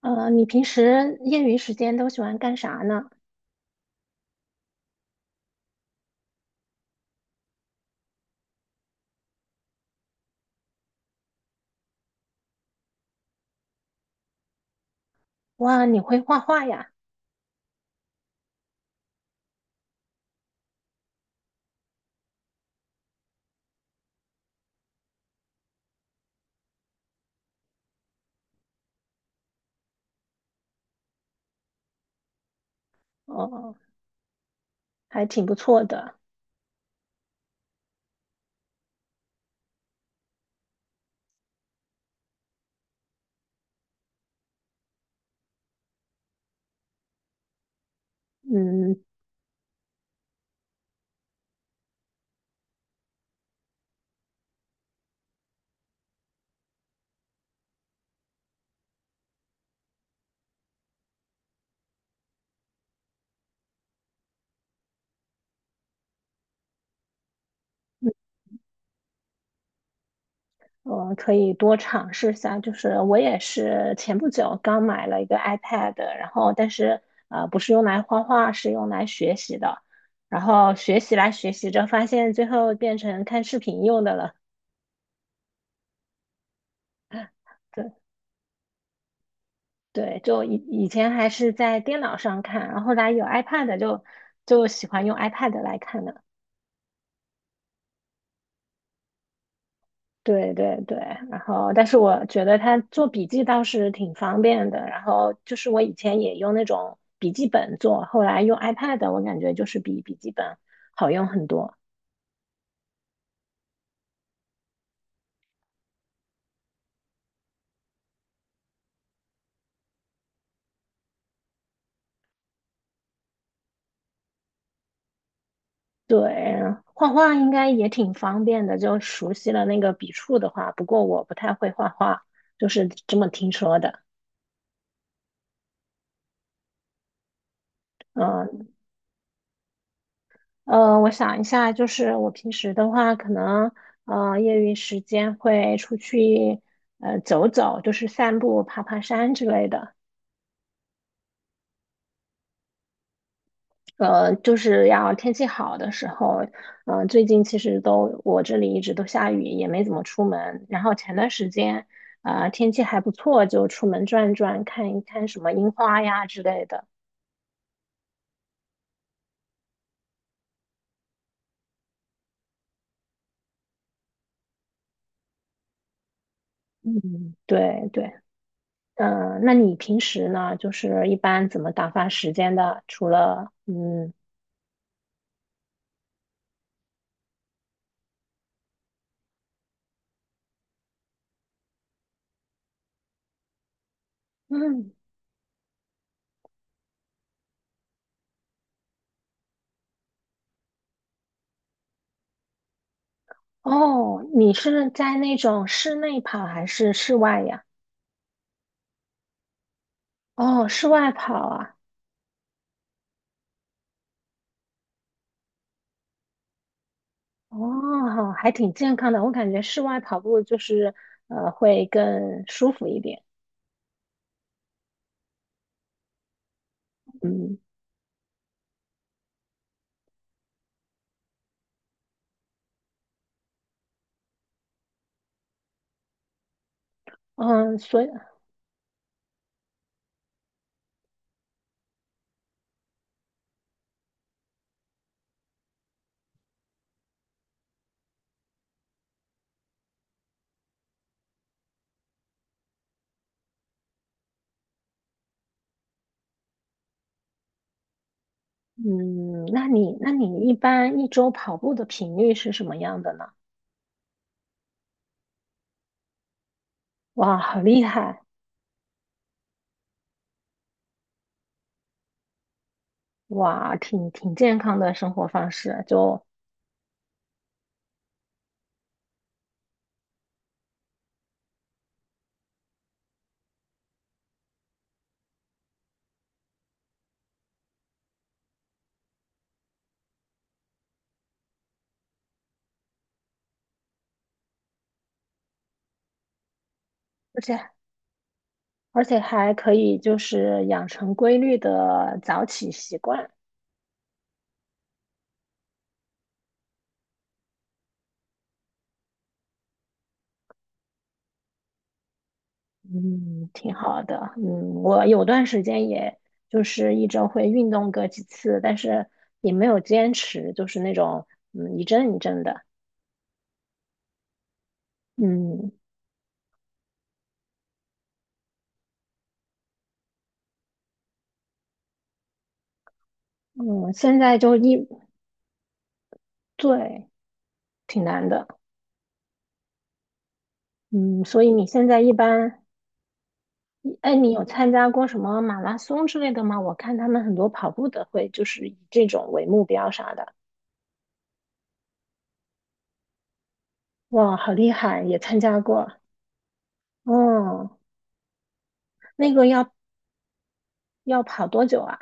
你平时业余时间都喜欢干啥呢？哇，你会画画呀？哦，还挺不错的。嗯，嗯我可以多尝试一下。就是我也是前不久刚买了一个 iPad，然后但是不是用来画画，是用来学习的。然后学习来学习着，发现最后变成看视频用的了。对对，就以前还是在电脑上看，然后后来有 iPad 就喜欢用 iPad 来看了。对对对，然后但是我觉得它做笔记倒是挺方便的，然后就是我以前也用那种笔记本做，后来用 iPad，我感觉就是比笔记本好用很多。对，画画应该也挺方便的，就熟悉了那个笔触的话，不过我不太会画画，就是这么听说的。嗯我想一下，就是我平时的话，可能业余时间会出去走走，就是散步、爬爬山之类的。就是要天气好的时候，最近其实都我这里一直都下雨，也没怎么出门。然后前段时间，天气还不错，就出门转转，看一看什么樱花呀之类的。嗯，对对，那你平时呢，就是一般怎么打发时间的？除了嗯，哦，你是在那种室内跑还是室外呀？哦，室外跑啊。哦，还挺健康的。我感觉室外跑步就是会更舒服一点。嗯嗯，所以嗯，那你一般一周跑步的频率是什么样的呢？哇，好厉害！哇，挺健康的生活方式，就而且而且还可以就是养成规律的早起习惯。嗯，挺好的。嗯，我有段时间也就是一周会运动个几次，但是也没有坚持，就是那种一阵一阵的。嗯嗯，现在就一，对，挺难的。嗯，所以你现在一般，哎，你有参加过什么马拉松之类的吗？我看他们很多跑步的会就是以这种为目标啥的。哇，好厉害，也参加过。哦，那个要跑多久啊？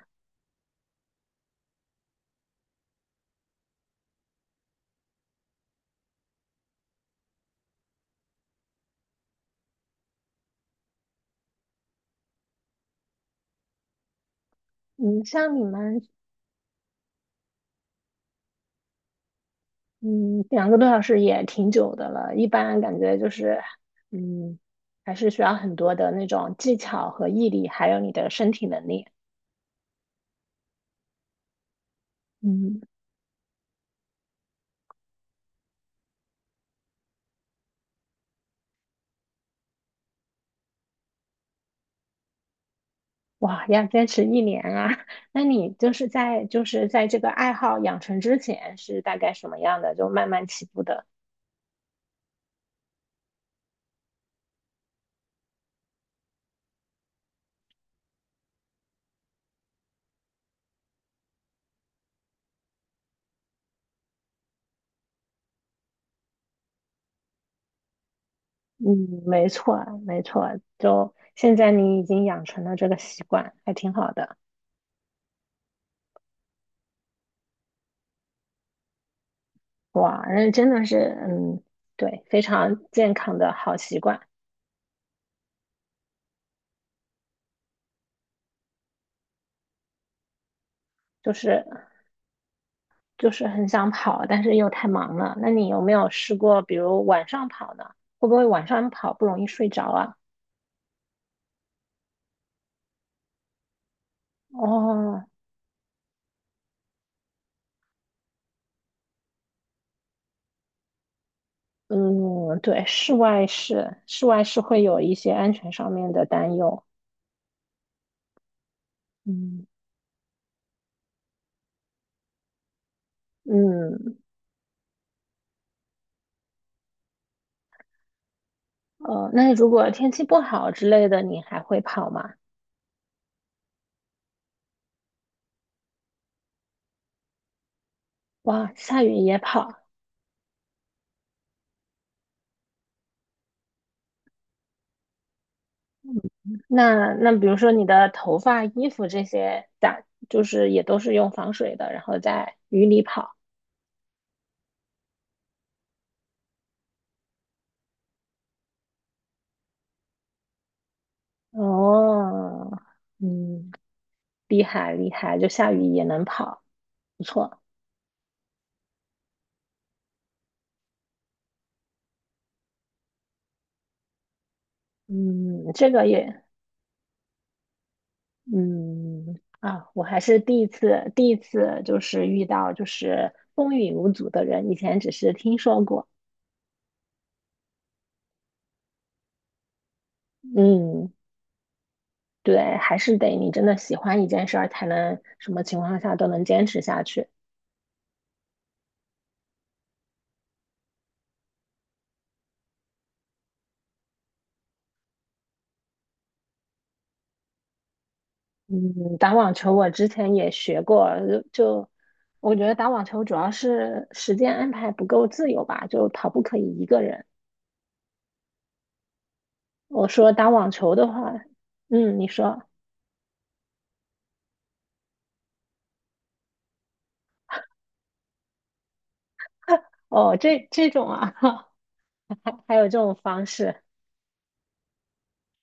嗯，像你们。嗯，2个多小时也挺久的了。一般感觉就是，嗯，还是需要很多的那种技巧和毅力，还有你的身体能力。嗯，哇，要坚持一年啊！那你就是在这个爱好养成之前是大概什么样的？就慢慢起步的。嗯，没错，没错。就现在你已经养成了这个习惯，还挺好的。哇，那真的是，嗯，对，非常健康的好习惯。就是就是很想跑，但是又太忙了。那你有没有试过，比如晚上跑呢？会不会晚上跑不容易睡着啊？哦，嗯，对，室外是会有一些安全上面的担忧。嗯嗯，那如果天气不好之类的，你还会跑吗？哇，下雨也跑。那比如说你的头发、衣服这些打，就是也都是用防水的，然后在雨里跑。哦，嗯。厉害厉害，就下雨也能跑，不错。嗯，这个也，我还是第一次就是遇到就是风雨无阻的人，以前只是听说过。嗯，对，还是得你真的喜欢一件事儿，才能什么情况下都能坚持下去。嗯，打网球我之前也学过，就我觉得打网球主要是时间安排不够自由吧，就跑步可以一个人。我说打网球的话，嗯，你说哦，这种啊，还有这种方式，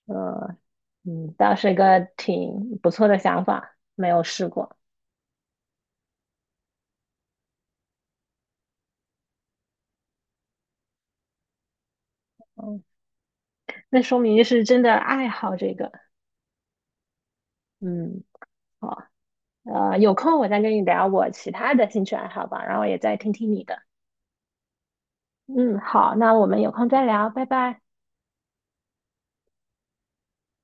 呃，倒是个挺不错的想法，没有试过，嗯，那说明是真的爱好这个，嗯，好，有空我再跟你聊我其他的兴趣爱好吧，然后也再听听你的，嗯，好，那我们有空再聊，拜拜。